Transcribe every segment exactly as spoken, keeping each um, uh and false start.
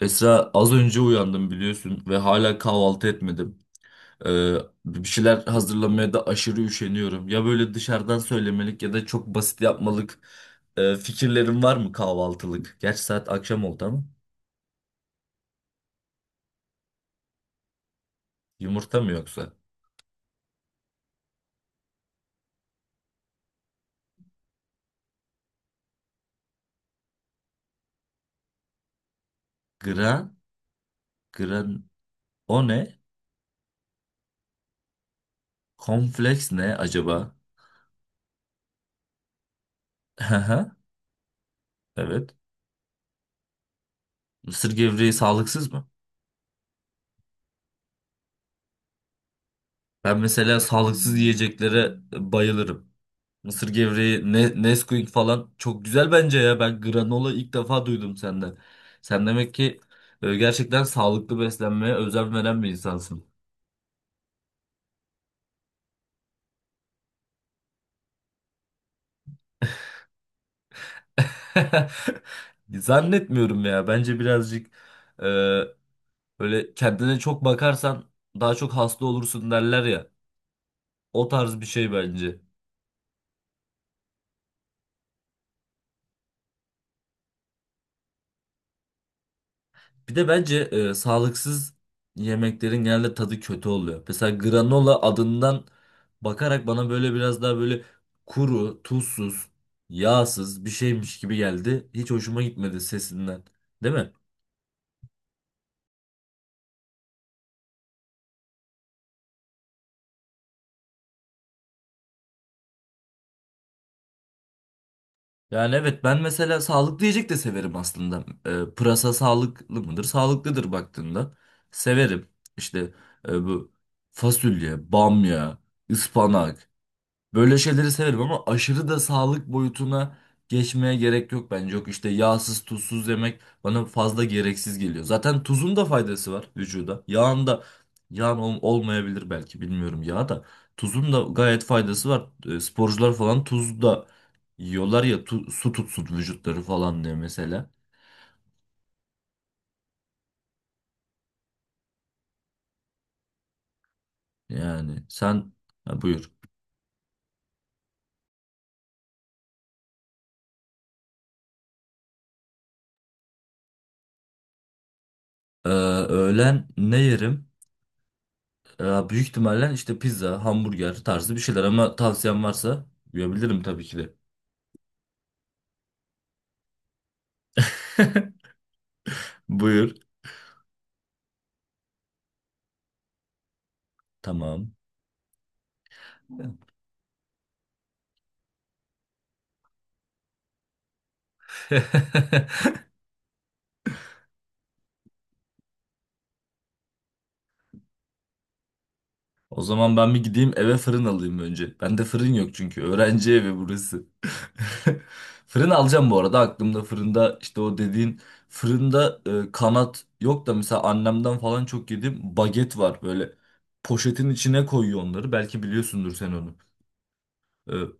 Esra az önce uyandım biliyorsun ve hala kahvaltı etmedim. Ee, Bir şeyler hazırlamaya da aşırı üşeniyorum. Ya böyle dışarıdan söylemelik ya da çok basit yapmalık, e, fikirlerin var mı kahvaltılık? Gerçi saat akşam oldu ama yumurta mı yoksa? Gran, gran O ne? Kompleks ne acaba? Haha. Evet. Mısır gevreği sağlıksız mı? Ben mesela sağlıksız yiyeceklere bayılırım. Mısır gevreği, ne, Nesquik falan çok güzel bence ya. Ben granola ilk defa duydum senden. Sen demek ki e, gerçekten sağlıklı beslenmeye özen veren bir insansın. Zannetmiyorum ya. Bence birazcık e, böyle kendine çok bakarsan daha çok hasta olursun derler ya. O tarz bir şey bence. Bir de bence e, sağlıksız yemeklerin genelde tadı kötü oluyor. Mesela granola adından bakarak bana böyle biraz daha böyle kuru, tuzsuz, yağsız bir şeymiş gibi geldi. Hiç hoşuma gitmedi sesinden. Değil mi? Yani evet, ben mesela sağlıklı yiyecek de severim aslında. E, pırasa sağlıklı mıdır? Sağlıklıdır baktığında. Severim. İşte e, bu fasulye, bamya, ıspanak. Böyle şeyleri severim ama aşırı da sağlık boyutuna geçmeye gerek yok bence. Yok işte, yağsız tuzsuz yemek bana fazla gereksiz geliyor. Zaten tuzun da faydası var vücuda. Yağın da yağın ol- olmayabilir belki, bilmiyorum, yağ da. Tuzun da gayet faydası var. E, sporcular falan tuz da yiyorlar ya, tu- su tutsun vücutları falan diye mesela. Yani sen, ha, buyur. Ee, öğlen ne yerim? Ee, büyük ihtimalle işte pizza, hamburger tarzı bir şeyler, ama tavsiyen varsa yiyebilirim tabii ki de. Buyur. Tamam. O zaman ben bir gideyim eve, fırın alayım önce. Bende fırın yok çünkü. Öğrenci evi burası. Fırın alacağım bu arada. Aklımda fırında işte o dediğin fırında, e, kanat yok da mesela annemden falan çok yedim. Baget var böyle. Poşetin içine koyuyor onları. Belki biliyorsundur sen onu. E,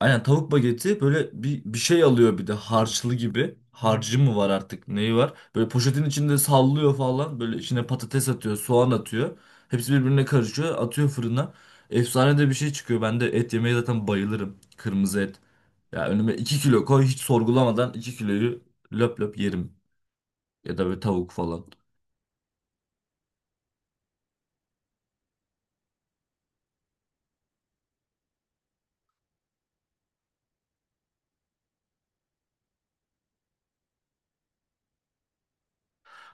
Aynen, tavuk bageti böyle bir, bir şey alıyor, bir de harçlı gibi. Harcı mı var artık, neyi var? Böyle poşetin içinde sallıyor falan. Böyle içine patates atıyor, soğan atıyor. Hepsi birbirine karışıyor, atıyor fırına. Efsane de bir şey çıkıyor. Ben de et yemeye zaten bayılırım. Kırmızı et. Ya önüme iki kilo koy, hiç sorgulamadan iki kiloyu löp löp yerim. Ya da böyle tavuk falan.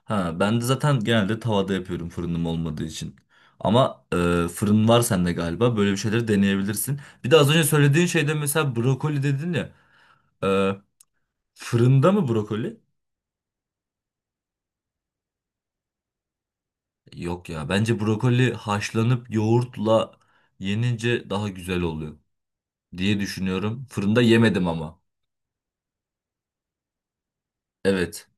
Ha, ben de zaten genelde tavada yapıyorum, fırınım olmadığı için. Ama e, fırın var sende galiba. Böyle bir şeyleri deneyebilirsin. Bir de az önce söylediğin şeyde mesela brokoli dedin ya. E, Fırında mı brokoli? Yok ya. Bence brokoli haşlanıp yoğurtla yenince daha güzel oluyor diye düşünüyorum. Fırında yemedim ama. Evet.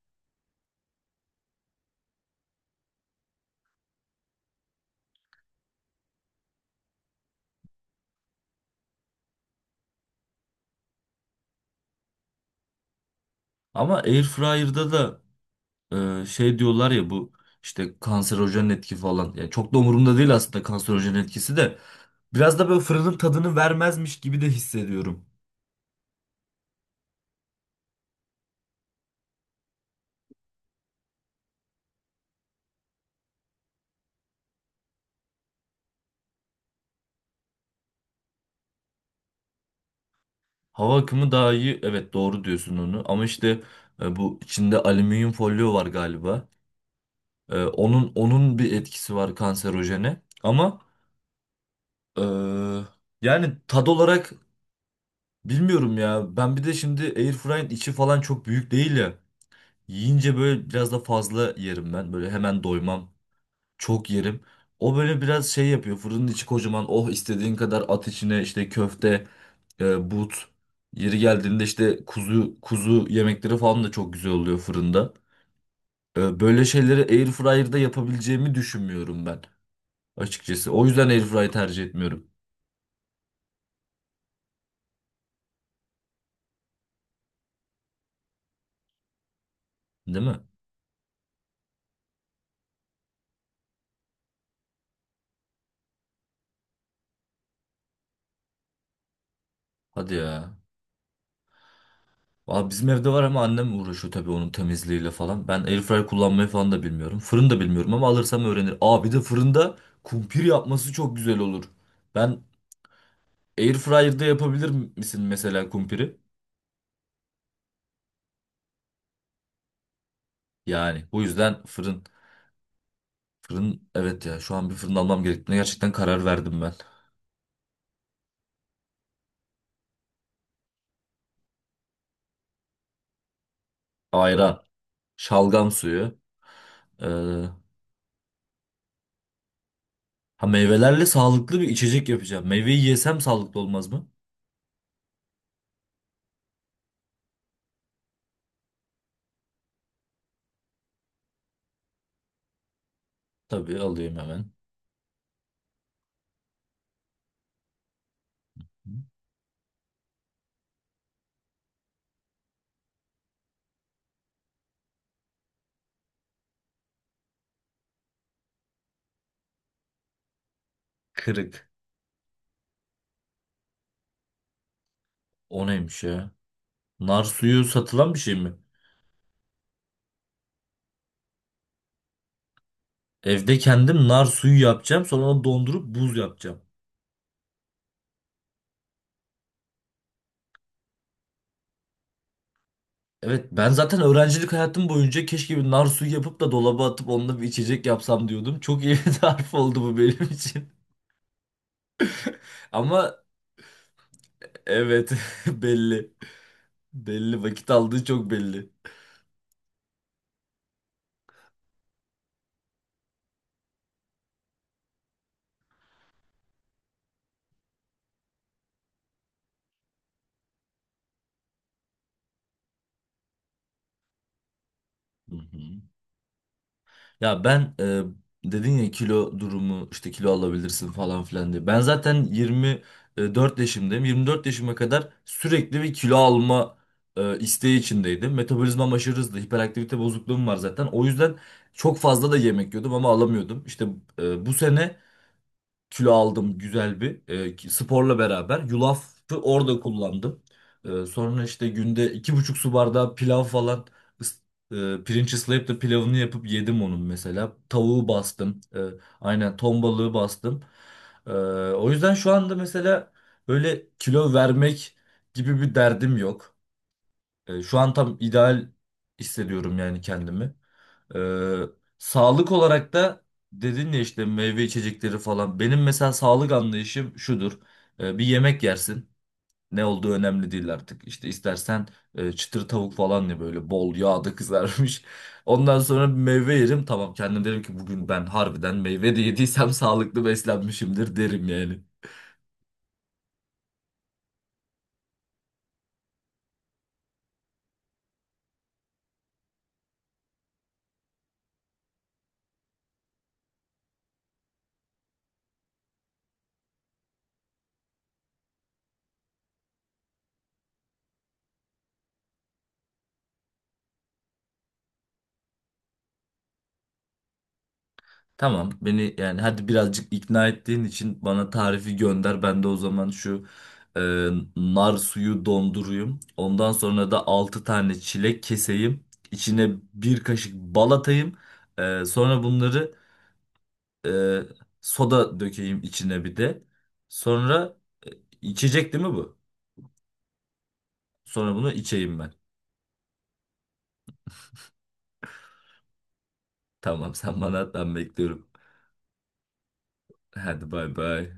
Ama airfryer'da da, Ee, şey diyorlar ya, bu işte kanserojen etki falan. Yani çok da umurumda değil aslında, kanserojen etkisi de. Biraz da böyle fırının tadını vermezmiş gibi de hissediyorum. Hava akımı daha iyi. Evet, doğru diyorsun onu. Ama işte e, bu içinde alüminyum folyo var galiba. E, onun onun bir etkisi var kanserojene. Ama e, yani tad olarak bilmiyorum ya. Ben bir de şimdi airfryer içi falan çok büyük değil ya. Yiyince böyle biraz da fazla yerim ben. Böyle hemen doymam. Çok yerim. O böyle biraz şey yapıyor. Fırının içi kocaman. Oh, istediğin kadar at içine, işte köfte, e, but. Yeri geldiğinde işte kuzu kuzu yemekleri falan da çok güzel oluyor fırında. E, böyle şeyleri airfryer'da yapabileceğimi düşünmüyorum ben açıkçası. O yüzden airfryer tercih etmiyorum. Değil mi? Hadi ya. Aa, bizim evde var ama annem uğraşıyor tabii onun temizliğiyle falan. Ben airfryer kullanmayı falan da bilmiyorum. Fırın da bilmiyorum ama alırsam öğrenir. Aa, bir de fırında kumpir yapması çok güzel olur. Ben Airfryer'da yapabilir misin mesela kumpiri? Yani bu yüzden fırın. Fırın, evet ya, şu an bir fırın almam gerektiğine gerçekten karar verdim ben. Ayran, şalgam suyu. ee, ha meyvelerle sağlıklı bir içecek yapacağım. Meyveyi yesem sağlıklı olmaz mı? Tabii, alayım hemen. Kırık. O neymiş ya? Nar suyu satılan bir şey mi? Evde kendim nar suyu yapacağım. Sonra onu dondurup buz yapacağım. Evet, ben zaten öğrencilik hayatım boyunca keşke bir nar suyu yapıp da dolaba atıp onunla bir içecek yapsam diyordum. Çok iyi bir tarif oldu bu benim için. Ama evet, belli. Belli, vakit aldığı çok belli. Hı hı. Ya ben, e, dedin ya, kilo durumu işte, kilo alabilirsin falan filan diye. Ben zaten yirmi dört yaşındayım. yirmi dört yaşıma kadar sürekli bir kilo alma e, isteği içindeydim. Metabolizmam aşırı hızlı. Hiperaktivite bozukluğum var zaten. O yüzden çok fazla da yemek yiyordum ama alamıyordum. İşte e, bu sene kilo aldım, güzel bir, e, ki- sporla beraber. Yulafı orada kullandım. E, sonra işte günde iki buçuk su bardağı pilav falan, ıs- e, pirinç ıslayıp da pilavını yapıp yedim onun mesela. Tavuğu bastım. E, aynen, ton balığı bastım. E, O yüzden şu anda mesela böyle kilo vermek gibi bir derdim yok. E, şu an tam ideal hissediyorum yani kendimi. Ee, Sağlık olarak da dedin ya işte, meyve içecekleri falan. Benim mesela sağlık anlayışım şudur. Ee, bir yemek yersin. Ne olduğu önemli değil artık. İşte istersen e, çıtır tavuk falan ya, böyle bol yağda kızarmış. Ondan sonra bir meyve yerim. Tamam, kendim derim ki bugün ben harbiden meyve de yediysem sağlıklı beslenmişimdir derim yani. Tamam, beni yani hadi birazcık ikna ettiğin için bana tarifi gönder. Ben de o zaman şu e, nar suyu donduruyum. Ondan sonra da altı tane çilek keseyim. İçine bir kaşık bal atayım. E, sonra bunları e, soda dökeyim içine bir de. Sonra, içecek değil mi bu? Sonra bunu içeyim ben. Tamam, sen bana at, ben bekliyorum. Hadi, bay bay.